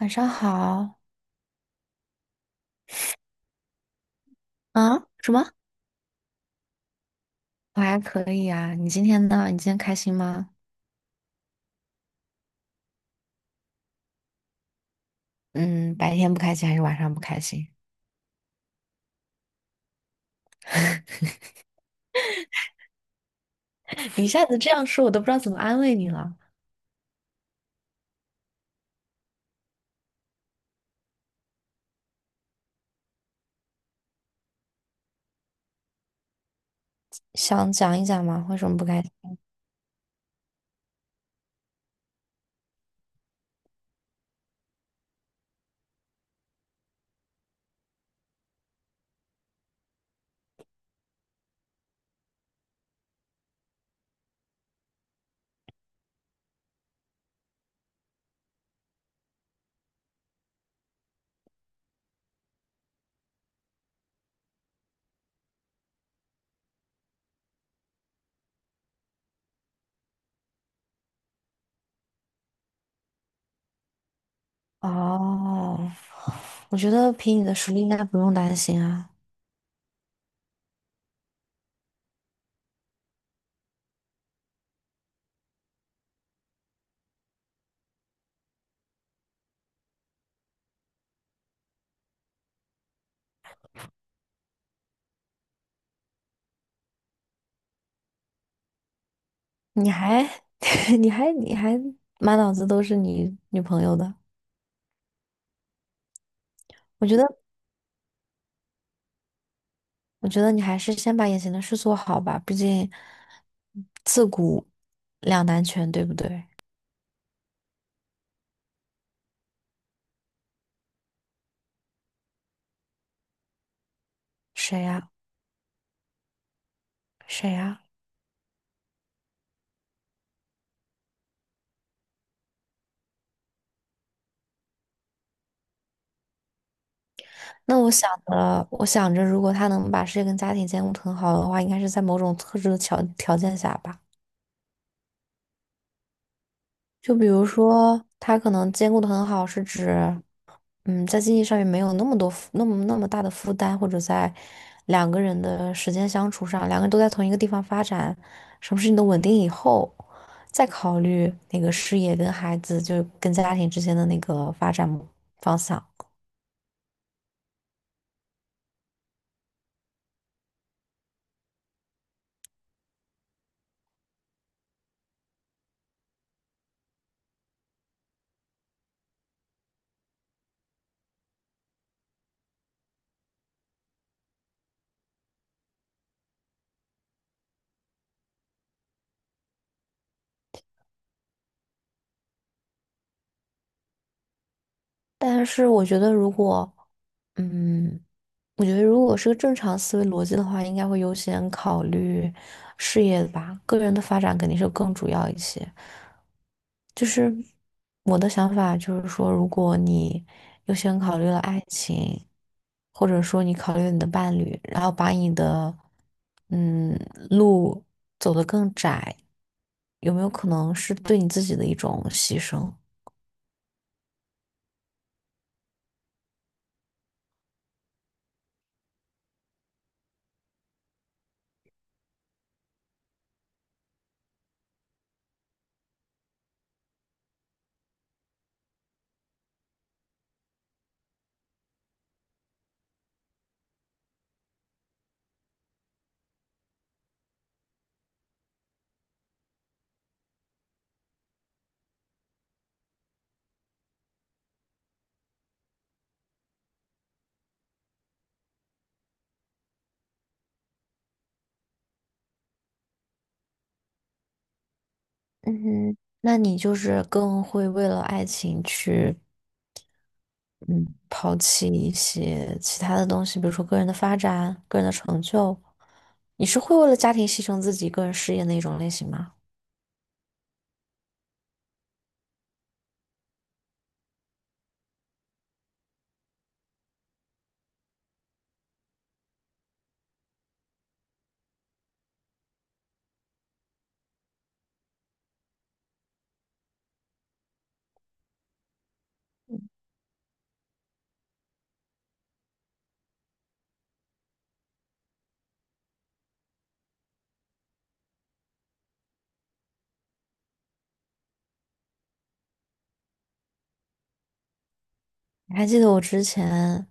晚上好啊？什么？我还可以啊。你今天呢？你今天开心吗？嗯，白天不开心还是晚上不开心？你一下子这样说，我都不知道怎么安慰你了。想讲一讲吗？为什么不开心？哦，我觉得凭你的实力应该不用担心啊。你还，你还满脑子都是你女朋友的。我觉得，我觉得你还是先把眼前的事做好吧。毕竟，自古两难全，对不对？谁呀？谁呀？那我想着，如果他能把事业跟家庭兼顾得很好的话，应该是在某种特殊的条件下吧。就比如说，他可能兼顾的很好，是指，在经济上面没有那么大的负担，或者在两个人的时间相处上，两个人都在同一个地方发展，什么事情都稳定以后，再考虑那个事业跟孩子，就跟家庭之间的那个发展方向。但是我觉得，嗯。如果是个正常思维逻辑的话，应该会优先考虑事业吧，个人的发展肯定是更主要一些。就是我的想法就是说，如果你优先考虑了爱情，或者说你考虑了你的伴侣，然后把你的嗯路走得更窄，有没有可能是对你自己的一种牺牲？嗯哼，那你就是更会为了爱情去。嗯，抛弃一些其他的东西，比如说个人的发展、个人的成就。你是会为了家庭牺牲自己个人事业那种类型吗？你还记得我之前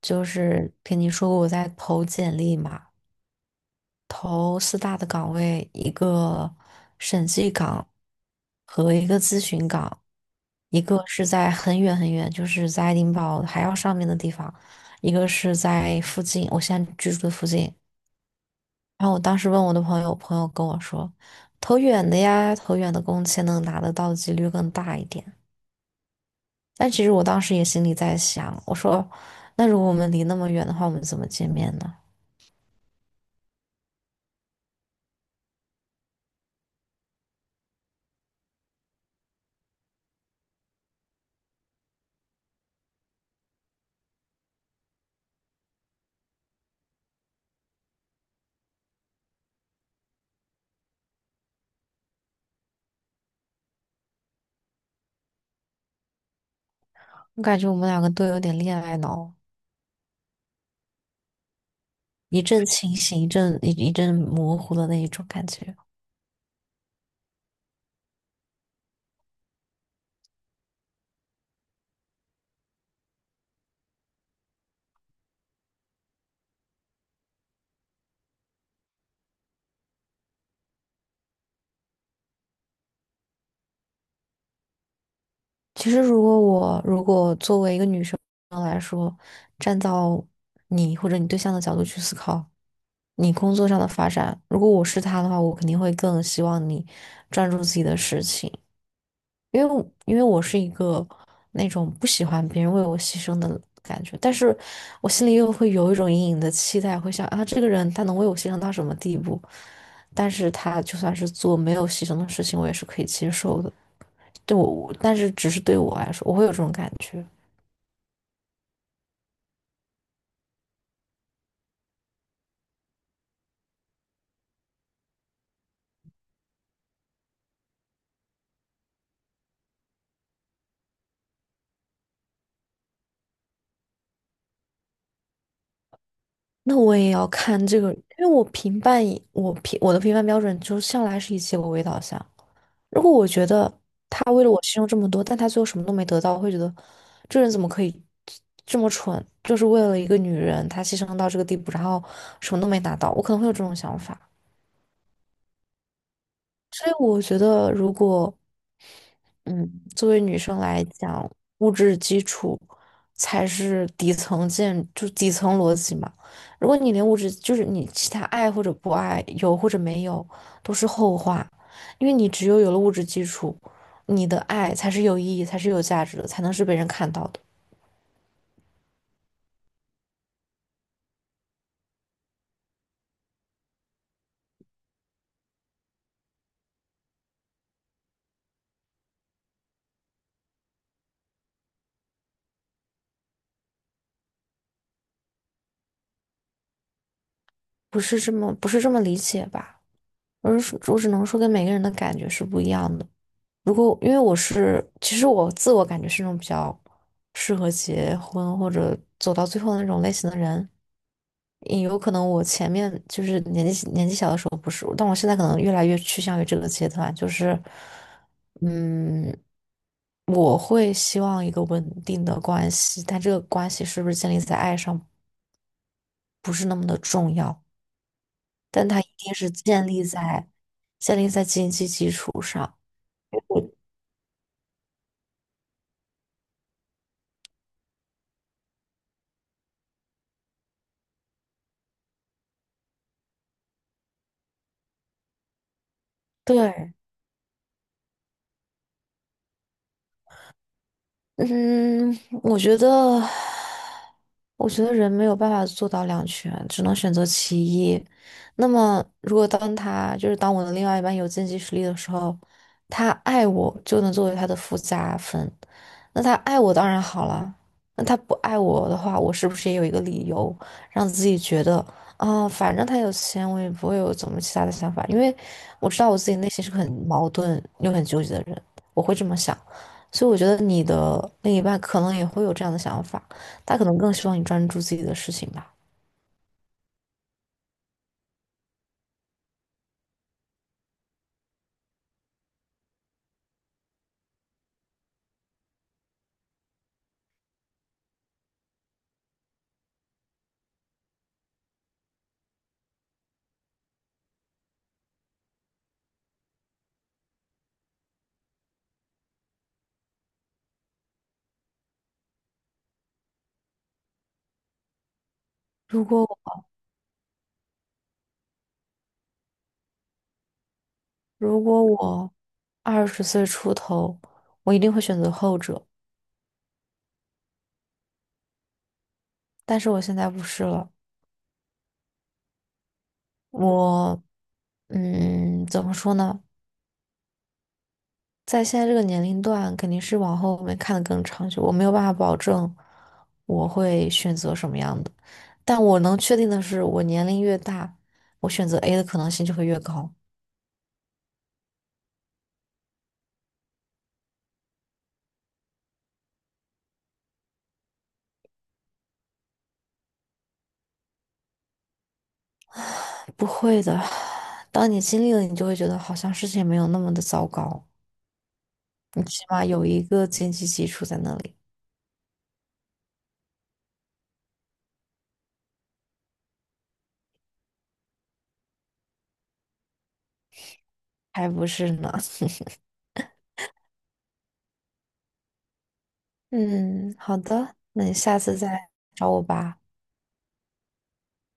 就是跟你说过我在投简历嘛，投四大的岗位，一个审计岗和一个咨询岗，一个是在很远很远，就是在爱丁堡还要上面的地方，一个是在附近，我现在居住的附近。然后我当时问我的朋友，我朋友跟我说，投远的呀，投远的工签能拿得到的几率更大一点。但其实我当时也心里在想，我说，那如果我们离那么远的话，我们怎么见面呢？我感觉我们两个都有点恋爱脑，一阵清醒，一阵模糊的那一种感觉。其实如果作为一个女生来说，站到你或者你对象的角度去思考，你工作上的发展，如果我是他的话，我肯定会更希望你专注自己的事情，因为我是一个那种不喜欢别人为我牺牲的感觉，但是我心里又会有一种隐隐的期待，会想啊，这个人他能为我牺牲到什么地步？但是他就算是做没有牺牲的事情，我也是可以接受的。但是只是对我来说，我会有这种感觉。那我也要看这个，因为我的评判标准就向来是以结果为导向。如果我觉得他为了我牺牲这么多，但他最后什么都没得到，我会觉得这人怎么可以这么蠢？就是为了一个女人，他牺牲到这个地步，然后什么都没拿到，我可能会有这种想法。所以我觉得，如果嗯，作为女生来讲，物质基础才是底层建，就底层逻辑嘛。如果你连物质，就是你其他爱或者不爱，有或者没有，都是后话，因为你只有有了物质基础，你的爱才是有意义，才是有价值的，才能是被人看到的。不是这么理解吧？我是我只能说跟每个人的感觉是不一样的。如果因为我是，其实我自我感觉是那种比较适合结婚或者走到最后的那种类型的人，也有可能我前面就是年纪小的时候不是，但我现在可能越来越趋向于这个阶段，就是，嗯，我会希望一个稳定的关系，但这个关系是不是建立在爱上不是那么的重要，但它一定是建立在经济基础上。我对，嗯，我觉得，我觉得人没有办法做到两全，只能选择其一。那么，如果当他就是当我的另外一半有经济实力的时候，他爱我就能作为他的附加分。那他爱我当然好了，那他不爱我的话，我是不是也有一个理由让自己觉得啊，反正他有钱，我也不会有怎么其他的想法，因为我知道我自己内心是个很矛盾又很纠结的人，我会这么想。所以我觉得你的另一半可能也会有这样的想法，他可能更希望你专注自己的事情吧。如果如果我20岁出头，我一定会选择后者，但是我现在不是了。我怎么说呢？在现在这个年龄段，肯定是往后面看的更长久。我没有办法保证我会选择什么样的，但我能确定的是，我年龄越大，我选择 A 的可能性就会越高。不会的，当你经历了，你就会觉得好像事情没有那么的糟糕，你起码有一个经济基础在那里，还不是呢？嗯，好的，那你下次再找我吧。